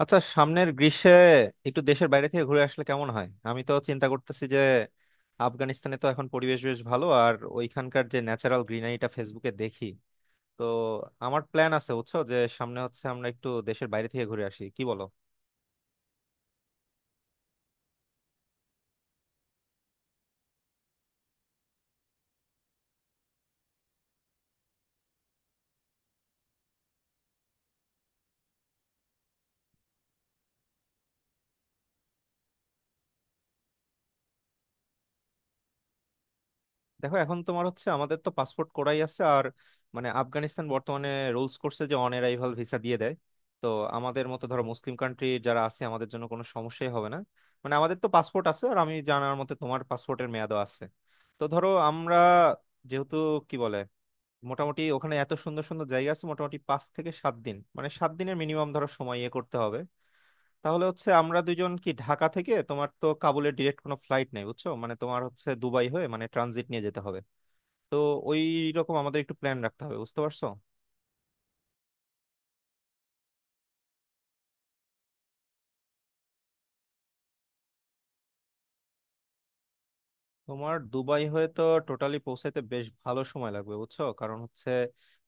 আচ্ছা সামনের গ্রীষ্মে একটু দেশের বাইরে থেকে ঘুরে আসলে কেমন হয়? আমি তো চিন্তা করতেছি যে আফগানিস্তানে তো এখন পরিবেশ বেশ ভালো, আর ওইখানকার যে ন্যাচারাল গ্রিনারিটা ফেসবুকে দেখি। তো আমার প্ল্যান আছে, বুঝছো, যে সামনে হচ্ছে আমরা একটু দেশের বাইরে থেকে ঘুরে আসি, কি বলো? দেখো এখন তোমার হচ্ছে, আমাদের তো পাসপোর্ট করাই আছে, আর মানে আফগানিস্তান বর্তমানে রুলস করছে যে অন অ্যারাইভাল ভিসা দিয়ে দেয়। তো আমাদের মতো ধরো মুসলিম কান্ট্রি যারা আছে, আমাদের জন্য কোনো সমস্যাই হবে না। মানে আমাদের তো পাসপোর্ট আছে, আর আমি জানার মতে তোমার পাসপোর্টের মেয়াদও আছে। তো ধরো আমরা যেহেতু কি বলে, মোটামুটি ওখানে এত সুন্দর সুন্দর জায়গা আছে, মোটামুটি 5 থেকে 7 দিন, মানে 7 দিনের মিনিমাম ধরো সময় ইয়ে করতে হবে। তাহলে হচ্ছে আমরা দুজন কি ঢাকা থেকে, তোমার তো কাবুলের ডিরেক্ট কোনো ফ্লাইট নেই বুঝছো, মানে তোমার হচ্ছে দুবাই হয়ে মানে ট্রানজিট নিয়ে যেতে হবে। তো ওই রকম আমাদের একটু প্ল্যান রাখতে হবে, বুঝতে পারছো? তোমার দুবাই হয়ে তো টোটালি পৌঁছাইতে বেশ ভালো সময় লাগবে বুঝছো, কারণ হচ্ছে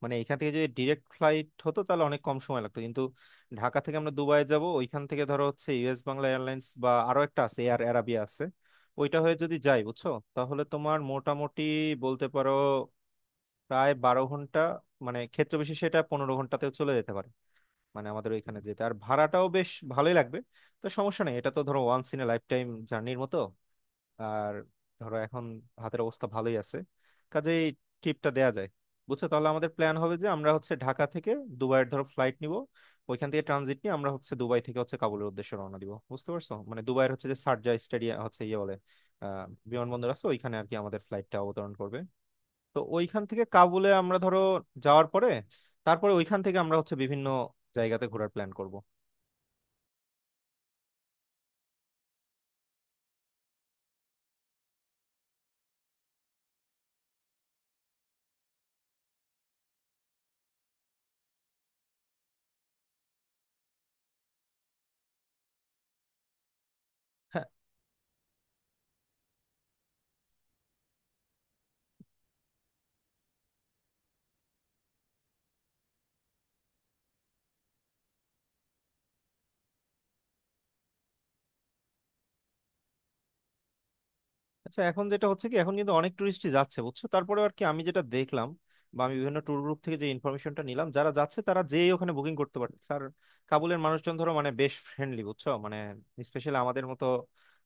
মানে এখান থেকে যদি ডিরেক্ট ফ্লাইট হতো তাহলে অনেক কম সময় লাগতো, কিন্তু ঢাকা থেকে আমরা দুবাই যাব, ওইখান থেকে ধরো হচ্ছে ইউএস বাংলা এয়ারলাইন্স, বা আরো একটা আছে এয়ার অ্যারাবিয়া আছে। ওইটা হয়ে যদি যাই বুঝছো, তাহলে তোমার মোটামুটি বলতে পারো প্রায় 12 ঘন্টা, মানে ক্ষেত্র বিশেষে এটা 15 ঘন্টাতেও চলে যেতে পারে। মানে আমাদের ওইখানে যেতে আর ভাড়াটাও বেশ ভালোই লাগবে, তো সমস্যা নেই, এটা তো ধরো once in a lifetime জার্নির মতো। আর ধরো এখন হাতের অবস্থা ভালোই আছে, কাজেই ট্রিপটা দেয়া যায়। বুঝছো, তাহলে আমাদের প্ল্যান হবে যে আমরা হচ্ছে ঢাকা থেকে দুবাইয়ের ধরো ফ্লাইট নিব, ওইখান থেকে ট্রানজিট নিয়ে আমরা হচ্ছে দুবাই থেকে হচ্ছে কাবুলের উদ্দেশ্যে রওনা দিব, বুঝতে পারছো। মানে দুবাইয়ের হচ্ছে যে শারজাহ স্টেডিয়াম হচ্ছে ইয়ে বলে আহ বিমানবন্দর আছে, ওইখানে আর কি আমাদের ফ্লাইটটা অবতরণ করবে। তো ওইখান থেকে কাবুলে আমরা ধরো যাওয়ার পরে, তারপরে ওইখান থেকে আমরা হচ্ছে বিভিন্ন জায়গাতে ঘোরার প্ল্যান করব। আচ্ছা, এখন যেটা হচ্ছে কি, এখন কিন্তু অনেক টুরিস্টই যাচ্ছে বুঝছো, তারপরে আর কি আমি যেটা দেখলাম বা আমি বিভিন্ন ট্যুর গ্রুপ থেকে যে ইনফরমেশনটা নিলাম, যারা যাচ্ছে তারা যেই ওখানে বুকিং করতে পারছে। আর কাবুলের মানুষজন ধরো মানে বেশ ফ্রেন্ডলি বুঝছো, মানে স্পেশালি আমাদের মতো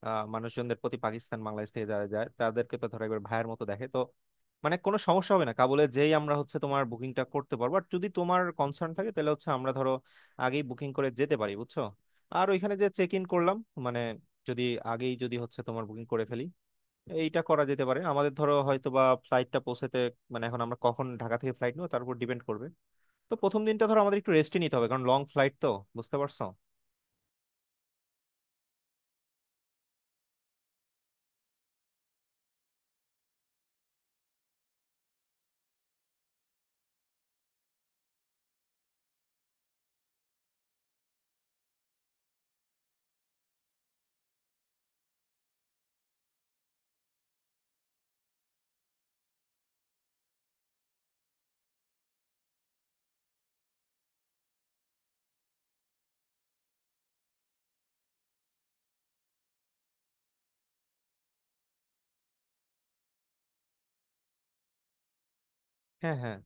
মানুষজনদের প্রতি, পাকিস্তান বাংলাদেশ থেকে যারা যায় তাদেরকে তো ধরো একবার ভাইয়ের মতো দেখে, তো মানে কোনো সমস্যা হবে না। কাবুলে যেই আমরা হচ্ছে তোমার বুকিংটা করতে পারবো, আর যদি তোমার কনসার্ন থাকে তাহলে হচ্ছে আমরা ধরো আগেই বুকিং করে যেতে পারি, বুঝছো। আর ওইখানে যে চেক ইন করলাম, মানে যদি আগেই যদি হচ্ছে তোমার বুকিং করে ফেলি, এইটা করা যেতে পারে। আমাদের ধরো হয়তো বা ফ্লাইটটা পৌঁছাতে, মানে এখন আমরা কখন ঢাকা থেকে ফ্লাইট নেবো তার উপর ডিপেন্ড করবে। তো প্রথম দিনটা ধরো আমাদের একটু রেস্টই নিতে হবে, কারণ লং ফ্লাইট তো, বুঝতে পারছো। হ্যাঁ হ্যাঁ,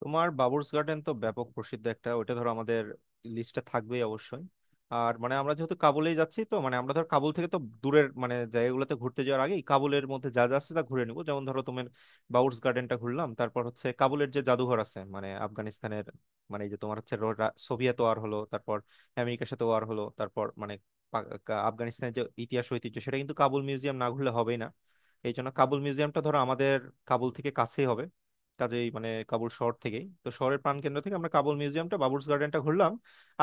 তোমার বাবুর্স গার্ডেন তো ব্যাপক প্রসিদ্ধ একটা, ওটা ধরো আমাদের লিস্টে থাকবেই অবশ্যই। আর মানে আমরা যেহেতু কাবুলেই যাচ্ছি, তো মানে আমরা ধর কাবুল থেকে তো দূরের মানে জায়গাগুলোতে ঘুরতে যাওয়ার আগেই কাবুলের মধ্যে যা যা আছে তা ঘুরে নিবো। যেমন ধরো তোমার বাবুর্স গার্ডেনটা ঘুরলাম, তারপর হচ্ছে কাবুলের যে জাদুঘর আছে মানে আফগানিস্তানের, মানে এই যে তোমার হচ্ছে সোভিয়েত ওয়ার হলো, তারপর আমেরিকার সাথে ওয়ার হলো, তারপর মানে আফগানিস্তানের যে ইতিহাস ঐতিহ্য সেটা কিন্তু কাবুল মিউজিয়াম না ঘুরলে হবেই না। এই জন্য কাবুল মিউজিয়ামটা ধরো আমাদের কাবুল থেকে কাছেই হবে, কাজেই মানে কাবুল শহর থেকেই তো, শহরের প্রাণকেন্দ্র থেকে আমরা কাবুল মিউজিয়ামটা বাবুর্চ গার্ডেনটা ঘুরলাম।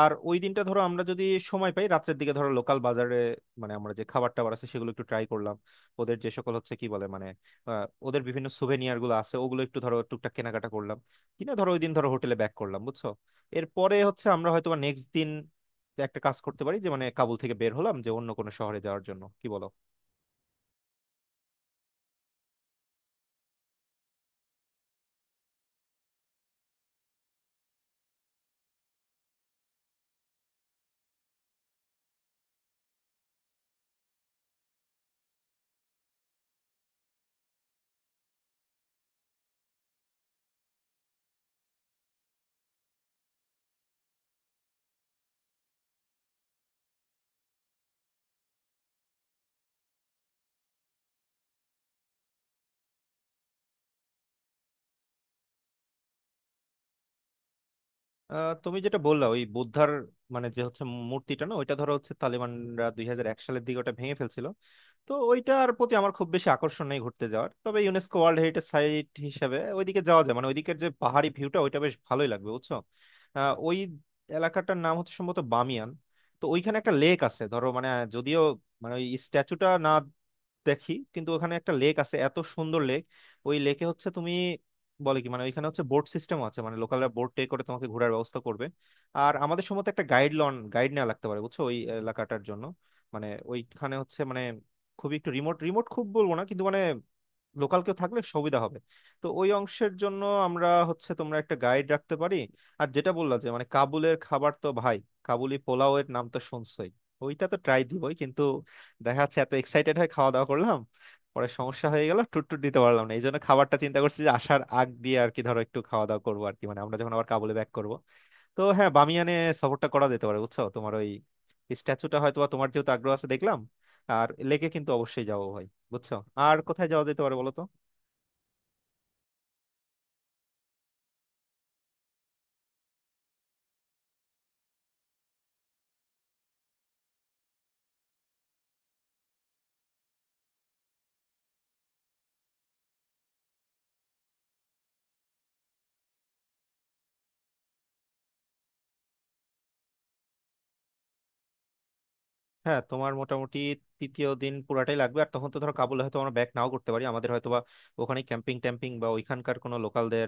আর ওই দিনটা ধরো আমরা যদি সময় পাই, রাত্রের দিকে ধরো লোকাল বাজারে, মানে আমরা যে খাবার টাবার আছে সেগুলো একটু ট্রাই করলাম, ওদের যে সকল হচ্ছে কি বলে মানে ওদের বিভিন্ন সুভেনিয়ার গুলো আছে, ওগুলো একটু ধরো টুকটাক কেনাকাটা করলাম কিনা, ধরো ওই দিন ধরো হোটেলে ব্যাক করলাম, বুঝছো। এরপরে হচ্ছে আমরা হয়তো নেক্সট দিন একটা কাজ করতে পারি যে মানে কাবুল থেকে বের হলাম যে অন্য কোনো শহরে যাওয়ার জন্য, কি বলো? তুমি যেটা বললা ওই বুদ্ধার মানে যে হচ্ছে মূর্তিটা না, ওইটা ধরো হচ্ছে তালিবানরা 2001 সালের দিকে ওটা ভেঙে ফেলছিল। তো ওইটার প্রতি আমার খুব বেশি আকর্ষণ নেই ঘুরতে যাওয়ার, তবে ইউনেস্কো ওয়ার্ল্ড হেরিটেজ সাইট হিসেবে ওইদিকে যাওয়া যায়, মানে ওইদিকের যে পাহাড়ি ভিউটা ওইটা বেশ ভালোই লাগবে বুঝছো। ওই এলাকাটার নাম হচ্ছে সম্ভবত বামিয়ান। তো ওইখানে একটা লেক আছে ধরো, মানে যদিও মানে ওই স্ট্যাচুটা না দেখি, কিন্তু ওখানে একটা লেক আছে এত সুন্দর লেক। ওই লেকে হচ্ছে তুমি বলে কি, মানে ওইখানে হচ্ছে বোট সিস্টেম আছে, মানে লোকালরা বোট টে করে তোমাকে ঘোরার ব্যবস্থা করবে। আর আমাদের সম্ভবত একটা গাইড লন গাইড নেওয়া লাগতে পারে বুঝছো ওই এলাকাটার জন্য। মানে ওইখানে হচ্ছে মানে খুবই একটু রিমোট রিমোট খুব বলবো না, কিন্তু মানে লোকাল কেউ থাকলে সুবিধা হবে, তো ওই অংশের জন্য আমরা হচ্ছে তোমরা একটা গাইড রাখতে পারি। আর যেটা বললা যে মানে কাবুলের খাবার তো ভাই, কাবুলি পোলাও এর নাম তো শুনছই, ওইটা তো ট্রাই দিবই, কিন্তু দেখা যাচ্ছে এত এক্সাইটেড হয়ে খাওয়া দাওয়া করলাম পরে সমস্যা হয়ে গেল, টুট টুট দিতে পারলাম না, এই জন্য খাবারটা চিন্তা করছি যে আসার আগ দিয়ে আর কি ধরো একটু খাওয়া দাওয়া করবো আর কি, মানে আমরা যখন আবার কাবুলে ব্যাক করবো। তো হ্যাঁ, বামিয়ানে সফরটা করা যেতে পারে বুঝছো, তোমার ওই স্ট্যাচুটা হয়তো বা, তোমার যেহেতু আগ্রহ আছে দেখলাম। আর লেকে কিন্তু অবশ্যই যাবো ভাই, বুঝছো। আর কোথায় যাওয়া যেতে পারে বলো তো? হ্যাঁ, তোমার মোটামুটি তৃতীয় দিন পুরাটাই লাগবে, আর তখন তো ধরো কাবুলে হয়তো আমরা ব্যাক নাও করতে পারি, আমাদের হয়তো বা ওখানে ক্যাম্পিং ট্যাম্পিং বা ওইখানকার কোনো লোকালদের,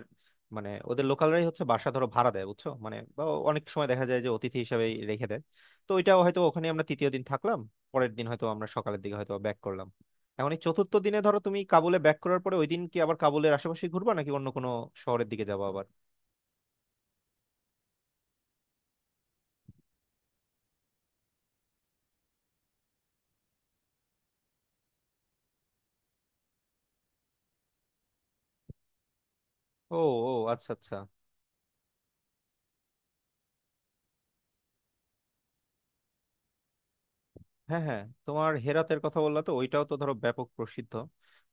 মানে ওদের লোকালরাই হচ্ছে বাসা ধরো ভাড়া দেয় বুঝছো মানে, বা অনেক সময় দেখা যায় যে অতিথি হিসেবে রেখে দেয়। তো ওইটাও হয়তো, ওখানে আমরা তৃতীয় দিন থাকলাম, পরের দিন হয়তো আমরা সকালের দিকে হয়তো ব্যাক করলাম। এখন এই চতুর্থ দিনে ধরো তুমি কাবুলে ব্যাক করার পরে ওই দিন কি আবার কাবুলের আশেপাশে ঘুরবা নাকি অন্য কোনো শহরের দিকে যাবো আবার? ও। ও আচ্ছা আচ্ছা। হ্যাঁ হ্যাঁ, তোমার হেরাতের কথা বললা, তো ওইটাও তো ধরো ব্যাপক প্রসিদ্ধ।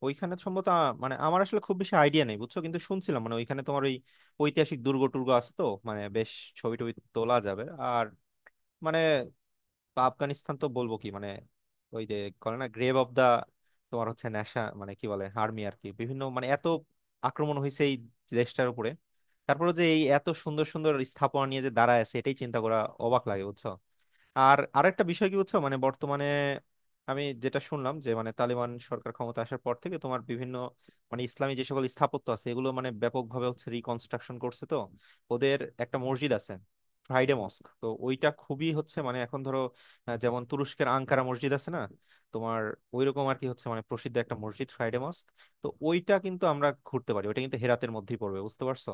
ওইখানে সম্ভবত মানে আমার আসলে খুব বেশি আইডিয়া নেই বুঝছো, কিন্তু শুনছিলাম মানে ওইখানে তোমার ওই ঐতিহাসিক দুর্গ টুর্গ আছে, তো মানে বেশ ছবি টবি তোলা যাবে। আর মানে আফগানিস্তান তো বলবো কি মানে, ওই যে করে না গ্রেভ অফ দা, তোমার হচ্ছে ন্যাশা মানে কি বলে আর্মি আর কি, বিভিন্ন মানে এত আক্রমণ হয়েছে এই দেশটার উপরে, তারপরে যে এই এত সুন্দর সুন্দর স্থাপনা নিয়ে যে দাঁড়ায় আছে এটাই চিন্তা করা অবাক লাগে বুঝছো। আর আরেকটা বিষয় কি বুঝছো, মানে বর্তমানে আমি যেটা শুনলাম যে মানে তালিবান সরকার ক্ষমতা আসার পর থেকে তোমার বিভিন্ন মানে ইসলামী যে সকল স্থাপত্য আছে এগুলো মানে ব্যাপকভাবে হচ্ছে রিকনস্ট্রাকশন করছে। তো ওদের একটা মসজিদ আছে ফ্রাইডে মস্ক, তো ওইটা খুবই হচ্ছে মানে এখন ধরো, যেমন তুরস্কের আঙ্কারা মসজিদ আছে না তোমার, ওইরকম আর কি হচ্ছে মানে প্রসিদ্ধ একটা মসজিদ ফ্রাইডে মস্ক। তো ওইটা কিন্তু আমরা ঘুরতে পারি, ওইটা কিন্তু হেরাতের মধ্যেই পড়বে বুঝতে পারছো।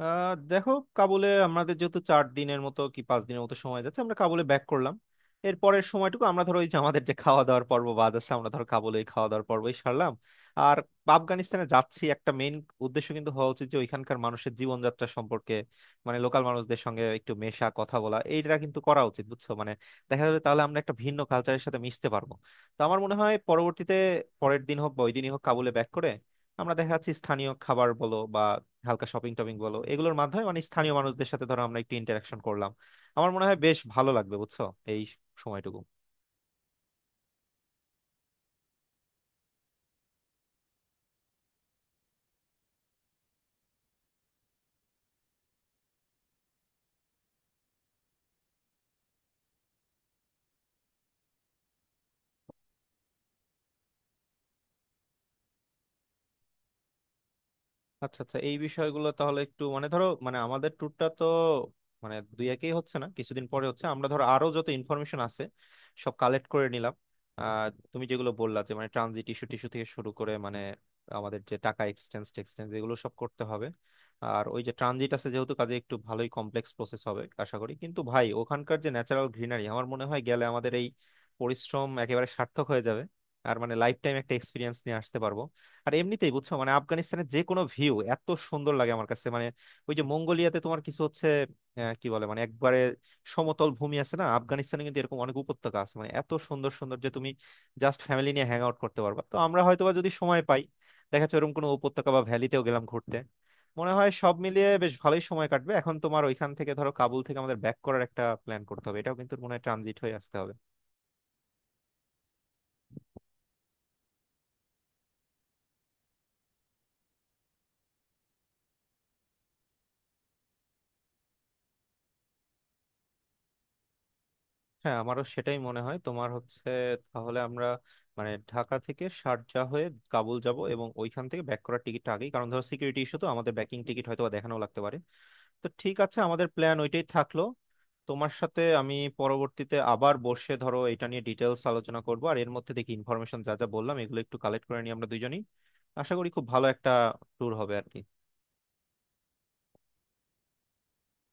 দেখো, কাবুলে আমাদের যেহেতু 4 দিনের মতো কি 5 দিনের মতো সময় যাচ্ছে, আমরা কাবুলে ব্যাক করলাম, এর পরের সময়টুকু আমরা ধরো ওই যে আমাদের যে খাওয়া দাওয়ার পর্ব বাদ আছে, আমরা ধরো কাবুলে এই খাওয়া দাওয়ার পর্বই সারলাম। আর আফগানিস্তানে যাচ্ছি একটা মেইন উদ্দেশ্য কিন্তু হওয়া উচিত যে ওইখানকার মানুষের জীবনযাত্রা সম্পর্কে, মানে লোকাল মানুষদের সঙ্গে একটু মেশা কথা বলা, এইটা কিন্তু করা উচিত বুঝছো। মানে দেখা যাবে তাহলে আমরা একটা ভিন্ন কালচারের সাথে মিশতে পারবো। তো আমার মনে হয় পরবর্তীতে, পরের দিন হোক বা ওই দিনই হোক, কাবুলে ব্যাক করে আমরা দেখা যাচ্ছে স্থানীয় খাবার বলো বা হালকা শপিং টপিং বলো, এগুলোর মাধ্যমে মানে স্থানীয় মানুষদের সাথে ধরো আমরা একটু ইন্টারাকশন করলাম, আমার মনে হয় বেশ ভালো লাগবে বুঝছো, এই সময়টুকু। আচ্ছা আচ্ছা, এই বিষয়গুলো তাহলে একটু মানে ধরো, মানে আমাদের ট্যুরটা তো মানে দুই একই হচ্ছে না, কিছুদিন পরে হচ্ছে আমরা ধরো আরো যত ইনফরমেশন আছে সব কালেক্ট করে নিলাম। আহ তুমি যেগুলো বললা যে মানে ট্রানজিট ইস্যু টিস্যু থেকে শুরু করে মানে আমাদের যে টাকা এক্সচেঞ্জ টেক্সচেঞ্জ এগুলো সব করতে হবে। আর ওই যে ট্রানজিট আছে যেহেতু, কাজে একটু ভালোই কমপ্লেক্স প্রসেস হবে আশা করি, কিন্তু ভাই ওখানকার যে ন্যাচারাল গ্রিনারি আমার মনে হয় গেলে আমাদের এই পরিশ্রম একেবারে সার্থক হয়ে যাবে। আর মানে লাইফ টাইম একটা এক্সপিরিয়েন্স নিয়ে আসতে পারবো। আর এমনিতেই বুঝছো মানে আফগানিস্তানের যে কোনো ভিউ এত সুন্দর লাগে আমার কাছে, মানে ওই যে মঙ্গোলিয়াতে তোমার কিছু হচ্ছে কি বলে মানে একবারে সমতল ভূমি আছে না, আফগানিস্তানে কিন্তু এরকম অনেক উপত্যকা আছে, মানে এত সুন্দর সুন্দর যে তুমি জাস্ট ফ্যামিলি নিয়ে হ্যাং আউট করতে পারবা। তো আমরা হয়তোবা যদি সময় পাই, দেখা যাচ্ছে এরকম কোনো উপত্যকা বা ভ্যালিতেও গেলাম ঘুরতে, মনে হয় সব মিলিয়ে বেশ ভালোই সময় কাটবে। এখন তোমার ওইখান থেকে ধরো কাবুল থেকে আমাদের ব্যাক করার একটা প্ল্যান করতে হবে, এটাও কিন্তু মনে হয় ট্রানজিট হয়ে আসতে হবে। হ্যাঁ, আমারও সেটাই মনে হয়। তোমার হচ্ছে তাহলে আমরা মানে ঢাকা থেকে শারজা হয়ে কাবুল যাব, এবং ওইখান থেকে ব্যাক করার টিকিটটা আগেই, কারণ ধরো সিকিউরিটি ইস্যু তো, আমাদের ব্যাকিং টিকিট হয়তো বা দেখানো লাগতে পারে। তো ঠিক আছে, আমাদের প্ল্যান ওইটাই থাকলো। তোমার সাথে আমি পরবর্তীতে আবার বসে ধরো এটা নিয়ে ডিটেলস আলোচনা করবো, আর এর মধ্যে দেখি ইনফরমেশন যা যা বললাম এগুলো একটু কালেক্ট করে নিই আমরা দুজনই। আশা করি খুব ভালো একটা ট্যুর হবে আর কি।